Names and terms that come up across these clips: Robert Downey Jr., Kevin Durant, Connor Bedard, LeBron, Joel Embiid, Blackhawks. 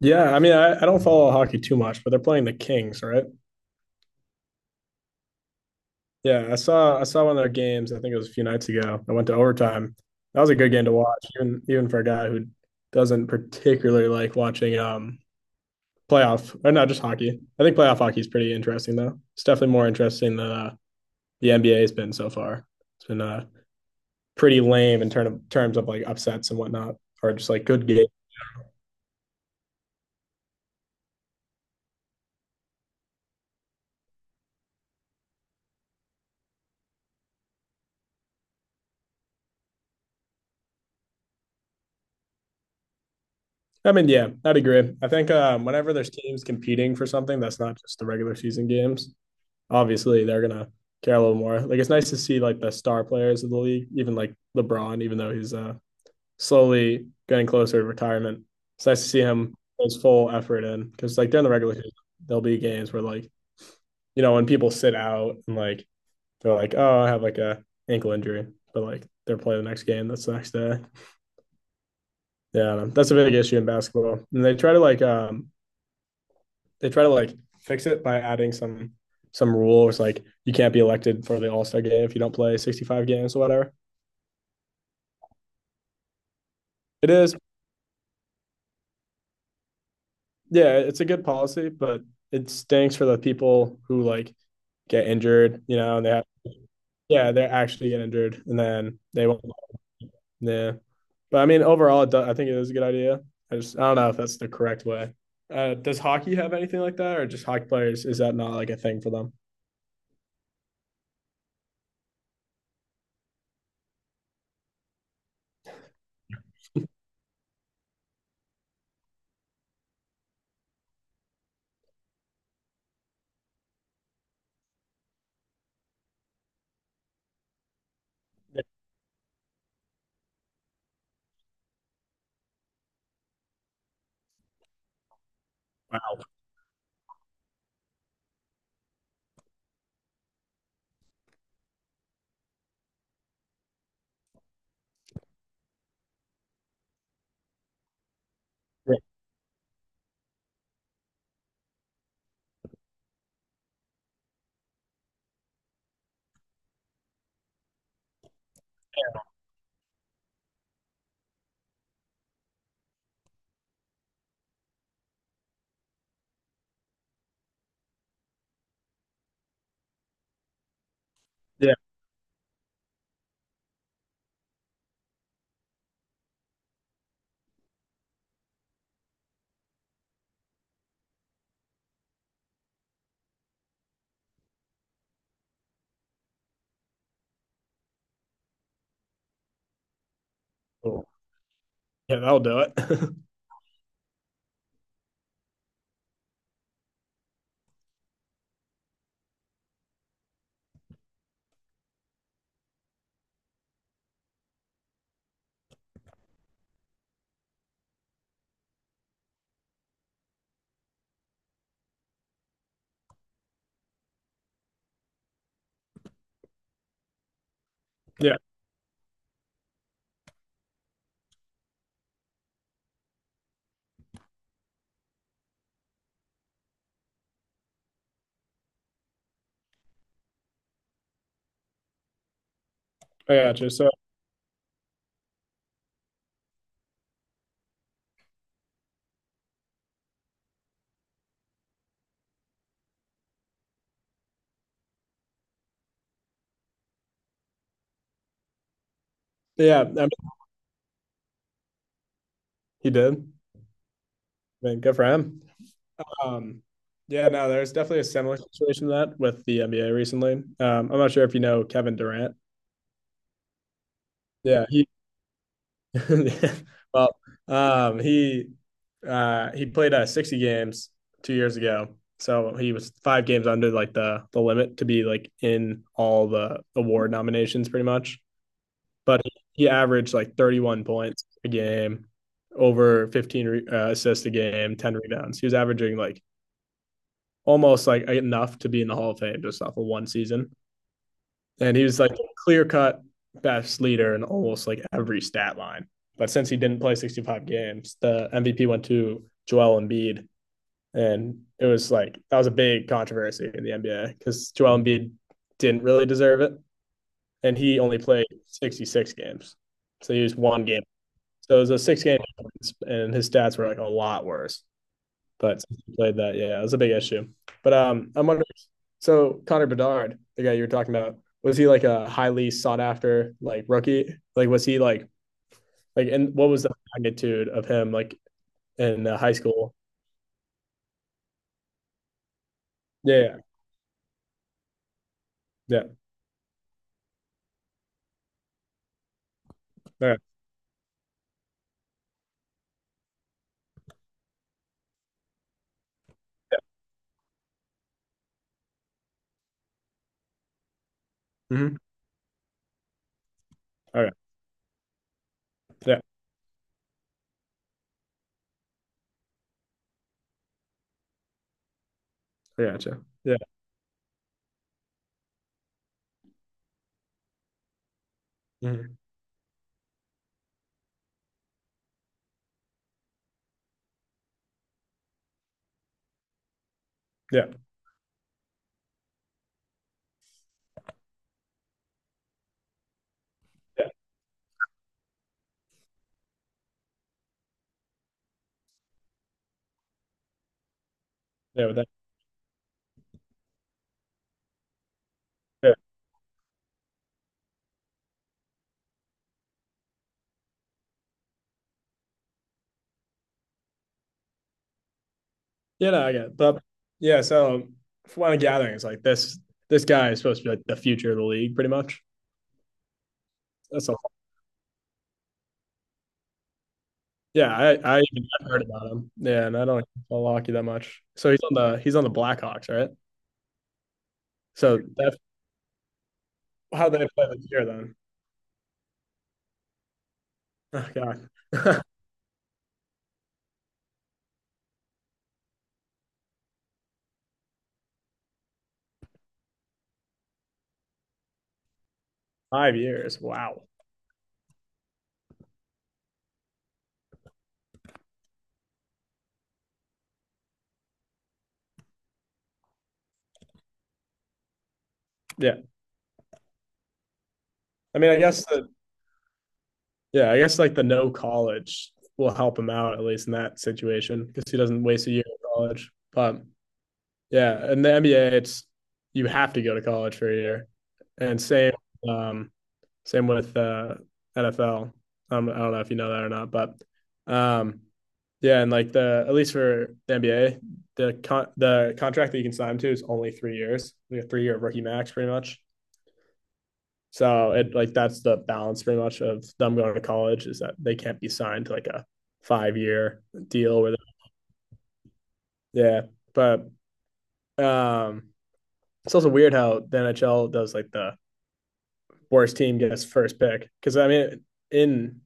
Yeah, I mean, I don't follow hockey too much, but they're playing the Kings, right? Yeah, I saw one of their games. I think it was a few nights ago. I went to overtime. That was a good game to watch, even for a guy who doesn't particularly like watching playoff or not just hockey. I think playoff hockey is pretty interesting though. It's definitely more interesting than the NBA has been so far. It's been pretty lame in terms of like upsets and whatnot, or just like good games. I mean, yeah, I'd agree. I think whenever there's teams competing for something that's not just the regular season games, obviously they're gonna care a little more. Like it's nice to see like the star players of the league, even like LeBron, even though he's slowly getting closer to retirement. It's nice to see him put his full effort in because like during the regular season, there'll be games where like you know when people sit out and like they're like, oh, I have like a ankle injury, but like they're playing the next game. That's the next day. Yeah, that's a big issue in basketball, and they try to like fix it by adding some rule. Where It's like you can't be elected for the All Star game if you don't play 65 games or whatever. It is, yeah, it's a good policy, but it stinks for the people who like get injured, you know, and they have, yeah, they're actually get injured and then they won't, yeah. But I mean, overall, I think it is a good idea. I don't know if that's the correct way. Does hockey have anything like that or just hockey players? Is that not like a thing for them? Yeah. Wow. Yeah. Yeah. Cool. Yeah, that'll do it. Yeah, I got you. So yeah, I mean, he did. I mean, good for him. Um, yeah, no, there's definitely a similar situation to that with the NBA recently. I'm not sure if you know Kevin Durant. Yeah, he well, um, he he played 60 games 2 years ago, so he was five games under like the limit to be like in all the award nominations, pretty much. But he averaged like 31 points a game, over 15 assists a game, 10 rebounds. He was averaging like almost like enough to be in the Hall of Fame just off of one season. And he was like clear cut best leader in almost like every stat line. But since he didn't play 65 games, the MVP went to Joel Embiid. And it was like, that was a big controversy in the NBA because Joel Embiid didn't really deserve it. And he only played 66 games. So he was one game. So it was a six game, and his stats were like a lot worse. But since he played that, yeah, it was a big issue. But I'm wondering. So Connor Bedard, the guy you were talking about, was he like a highly sought after like rookie? Like, was he like and what was the magnitude of him like in high school? Yeah, yeah, yeah. All right. Mm-hmm. All right. Yeah, I gotcha. Yeah. Mhm. Yeah, yeah, yeah. With that, yeah, yeah. No, I get it. But yeah, so from what I'm gathering, it's like this guy is supposed to be like the future of the league, pretty much. That's all. Yeah, I even have heard about him. Yeah, and I don't follow hockey that much. So he's on the Blackhawks, right? So that's how they play this year then. Oh God, 5 years. Wow. Yeah. I mean, I guess the Yeah, I guess like the no college will help him out at least in that situation because he doesn't waste a year in college. But yeah, in the NBA, it's you have to go to college for a year, and um, same with NFL. I don't know if you know that or not, but um, yeah, and like the at least for the NBA, the con the contract that you can sign him to is only 3 years, like a 3 year rookie max, pretty much. So it like that's the balance pretty much of them going to college is that they can't be signed to like a 5 year deal with it. Yeah. But um it's also weird how the NHL does like the worst team gets first pick because I mean in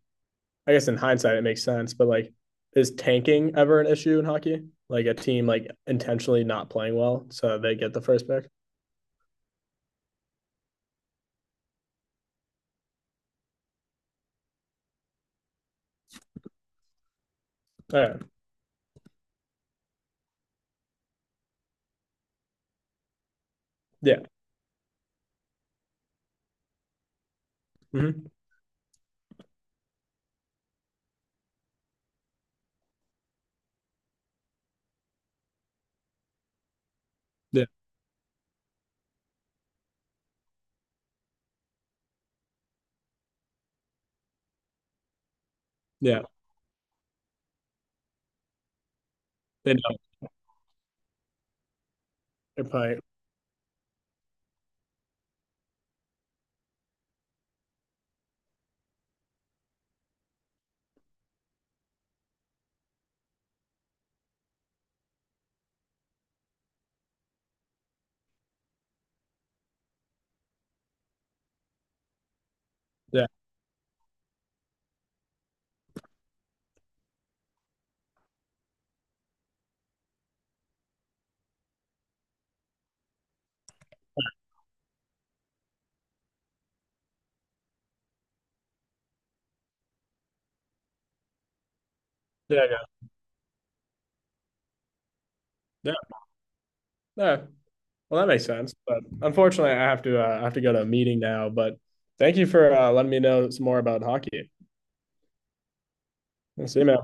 I guess in hindsight it makes sense, but like, is tanking ever an issue in hockey? Like a team like intentionally not playing well so they get the first pick. All right. Yeah. Mm-hmm. Yeah. Yeah. They know. They're playing. Yeah. Yeah. Yeah. Yeah. Yeah. Well, that makes sense. But unfortunately, I have to go to a meeting now. But thank you for letting me know some more about hockey. See you, man.